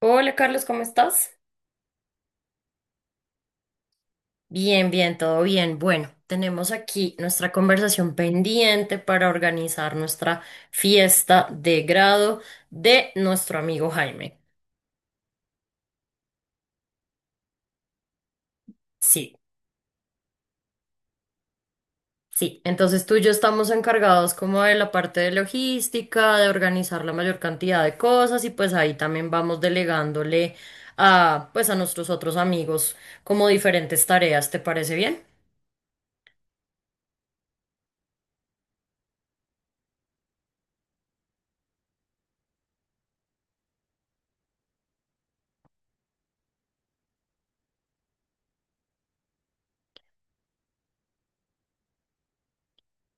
Hola Carlos, ¿cómo estás? Bien, bien, todo bien. Bueno, tenemos aquí nuestra conversación pendiente para organizar nuestra fiesta de grado de nuestro amigo Jaime. Sí, sí. Entonces tú y yo estamos encargados como de la parte de logística, de organizar la mayor cantidad de cosas y pues ahí también vamos delegándole a pues a nuestros otros amigos como diferentes tareas. ¿Te parece bien?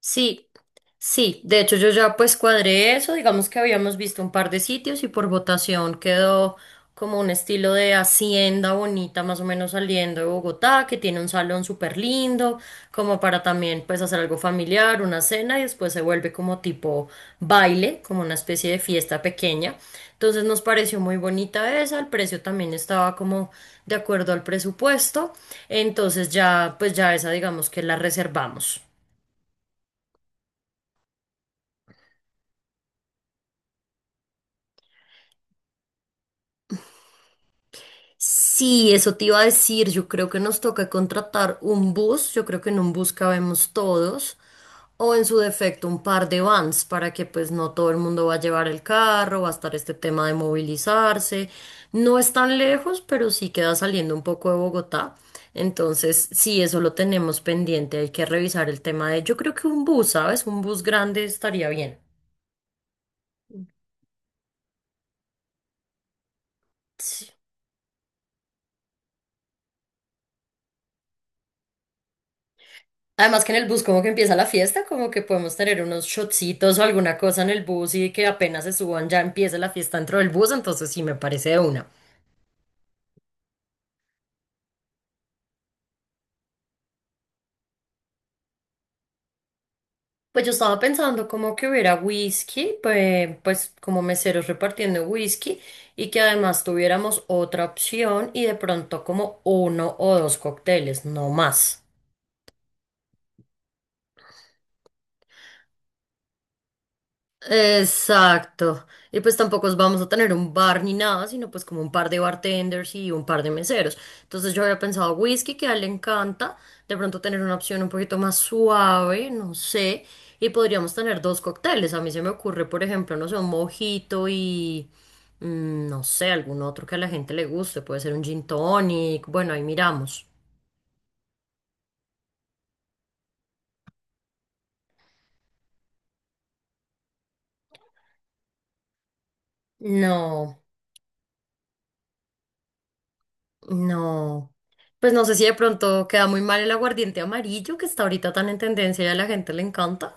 Sí, sí, de hecho yo ya pues cuadré eso, digamos que habíamos visto un par de sitios y por votación quedó como un estilo de hacienda bonita más o menos saliendo de Bogotá, que tiene un salón súper lindo, como para también pues hacer algo familiar, una cena y después se vuelve como tipo baile, como una especie de fiesta pequeña. Entonces nos pareció muy bonita esa, el precio también estaba como de acuerdo al presupuesto, entonces ya pues ya esa digamos que la reservamos. Sí, eso te iba a decir. Yo creo que nos toca contratar un bus. Yo creo que en un bus cabemos todos. O en su defecto un par de vans para que pues no todo el mundo va a llevar el carro, va a estar este tema de movilizarse. No es tan lejos, pero sí queda saliendo un poco de Bogotá. Entonces, sí, eso lo tenemos pendiente. Hay que revisar el tema de, yo creo que un bus, ¿sabes? Un bus grande estaría bien. Sí. Además que en el bus como que empieza la fiesta, como que podemos tener unos shotcitos o alguna cosa en el bus y que apenas se suban ya empieza la fiesta dentro del bus, entonces sí me parece de una. Pues yo estaba pensando como que hubiera whisky, pues, pues como meseros repartiendo whisky y que además tuviéramos otra opción y de pronto como uno o dos cócteles, no más. Exacto. Y pues tampoco os vamos a tener un bar ni nada, sino pues como un par de bartenders y un par de meseros. Entonces yo había pensado whisky, que a él le encanta, de pronto tener una opción un poquito más suave, no sé, y podríamos tener dos cócteles. A mí se me ocurre, por ejemplo, no sé, un mojito y no sé, algún otro que a la gente le guste, puede ser un gin tonic, bueno, ahí miramos. No. No, pues no sé si de pronto queda muy mal el aguardiente amarillo que está ahorita tan en tendencia y a la gente le encanta.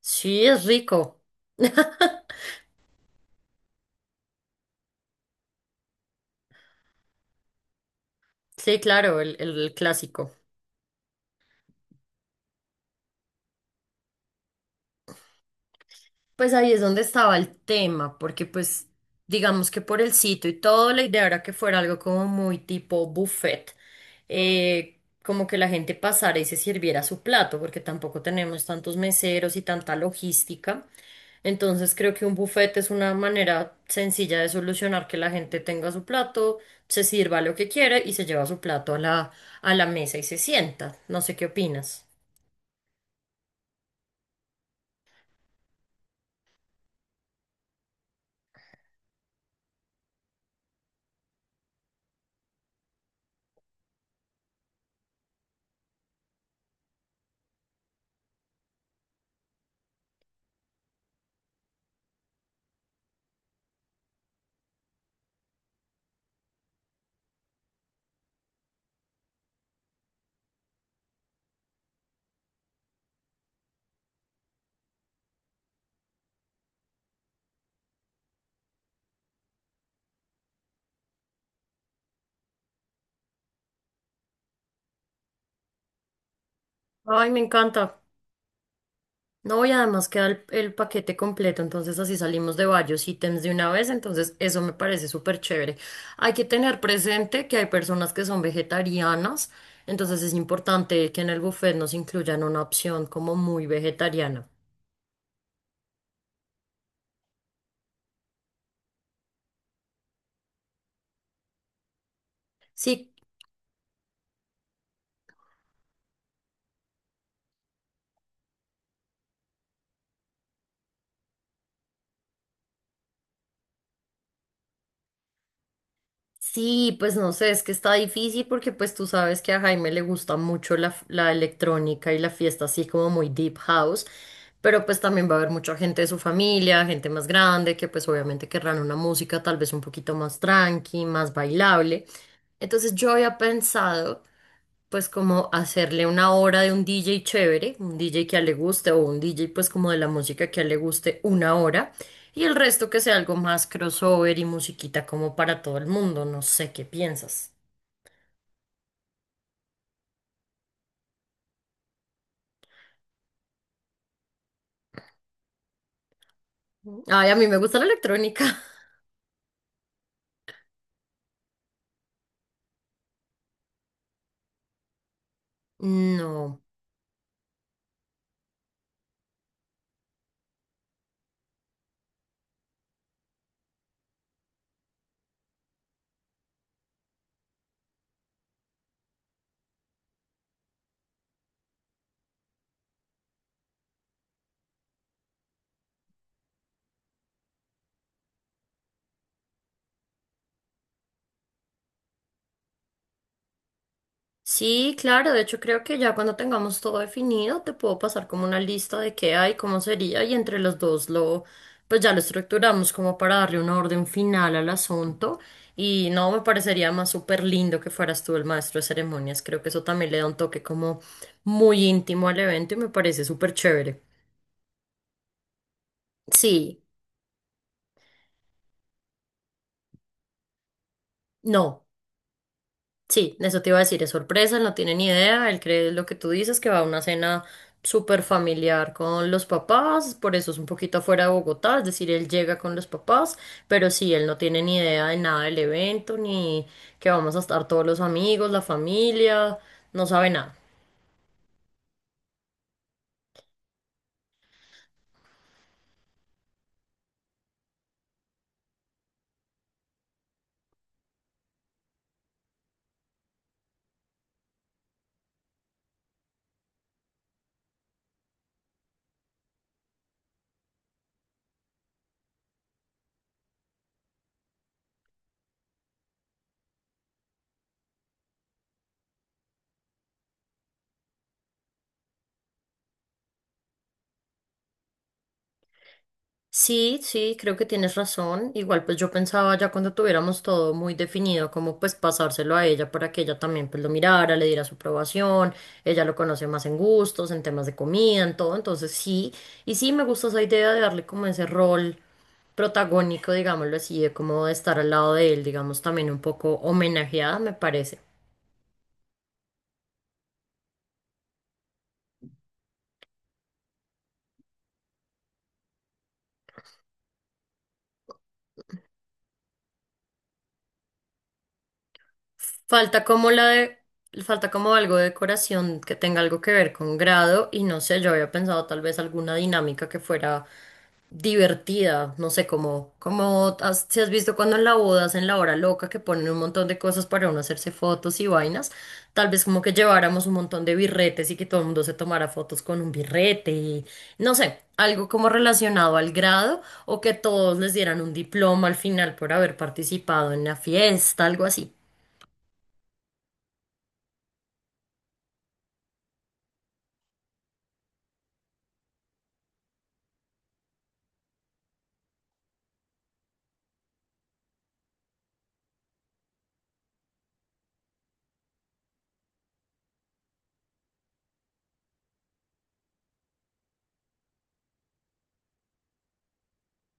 Sí, es rico. Sí, claro, el clásico. Pues ahí es donde estaba el tema, porque pues digamos que por el sitio y todo, la idea era que fuera algo como muy tipo buffet, como que la gente pasara y se sirviera su plato, porque tampoco tenemos tantos meseros y tanta logística. Entonces creo que un buffet es una manera sencilla de solucionar que la gente tenga su plato, se sirva lo que quiere y se lleva su plato a a la mesa y se sienta. No sé qué opinas. Ay, me encanta. No, y además queda el paquete completo, entonces así salimos de varios ítems de una vez, entonces eso me parece súper chévere. Hay que tener presente que hay personas que son vegetarianas, entonces es importante que en el buffet nos incluyan una opción como muy vegetariana. Sí, sí, pues no sé, es que está difícil porque pues tú sabes que a Jaime le gusta mucho la electrónica y la fiesta así como muy deep house, pero pues también va a haber mucha gente de su familia, gente más grande que pues obviamente querrán una música tal vez un poquito más tranqui, más bailable. Entonces yo había pensado pues como hacerle una hora de un DJ chévere, un DJ que a él le guste o un DJ pues como de la música que a él le guste una hora y el resto que sea algo más crossover y musiquita como para todo el mundo, no sé qué piensas. Ay, a mí me gusta la electrónica. No. Sí, claro, de hecho creo que ya cuando tengamos todo definido te puedo pasar como una lista de qué hay, cómo sería y entre los dos lo pues ya lo estructuramos como para darle una orden final al asunto y no me parecería más súper lindo que fueras tú el maestro de ceremonias, creo que eso también le da un toque como muy íntimo al evento y me parece súper chévere. Sí, no. Sí, eso te iba a decir, es sorpresa, él no tiene ni idea, él cree lo que tú dices, que va a una cena súper familiar con los papás, por eso es un poquito afuera de Bogotá, es decir, él llega con los papás, pero sí, él no tiene ni idea de nada del evento, ni que vamos a estar todos los amigos, la familia, no sabe nada. Sí, sí, creo que tienes razón. Igual pues yo pensaba ya cuando tuviéramos todo muy definido, como pues pasárselo a ella para que ella también pues lo mirara, le diera su aprobación, ella lo conoce más en gustos, en temas de comida, en todo, entonces sí, y sí me gusta esa idea de darle como ese rol protagónico, digámoslo así, de como de estar al lado de él, digamos también un poco homenajeada, me parece. Falta como la de, falta como algo de decoración que tenga algo que ver con grado y no sé, yo había pensado tal vez alguna dinámica que fuera divertida, no sé, como, como has- si has visto cuando en la boda hacen la hora loca que ponen un montón de cosas para uno hacerse fotos y vainas, tal vez como que lleváramos un montón de birretes y que todo el mundo se tomara fotos con un birrete y no sé, algo como relacionado al grado o que todos les dieran un diploma al final por haber participado en la fiesta, algo así.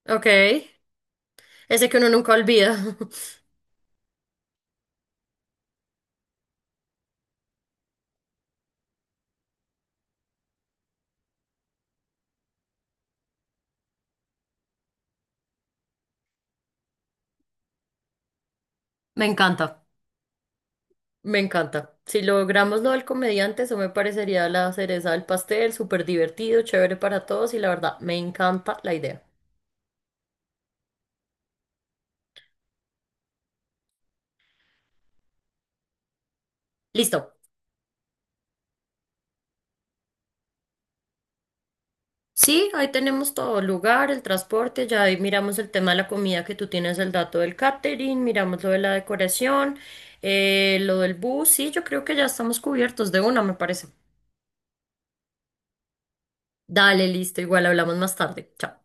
Ok, ese que uno nunca olvida. Me encanta, me encanta. Si logramos lo del comediante, eso me parecería la cereza del pastel, súper divertido, chévere para todos y la verdad, me encanta la idea. Listo. Sí, ahí tenemos todo, el lugar, el transporte, ya ahí miramos el tema de la comida que tú tienes el dato del catering, miramos lo de la decoración, lo del bus, sí, yo creo que ya estamos cubiertos de una, me parece. Dale, listo, igual hablamos más tarde. Chao.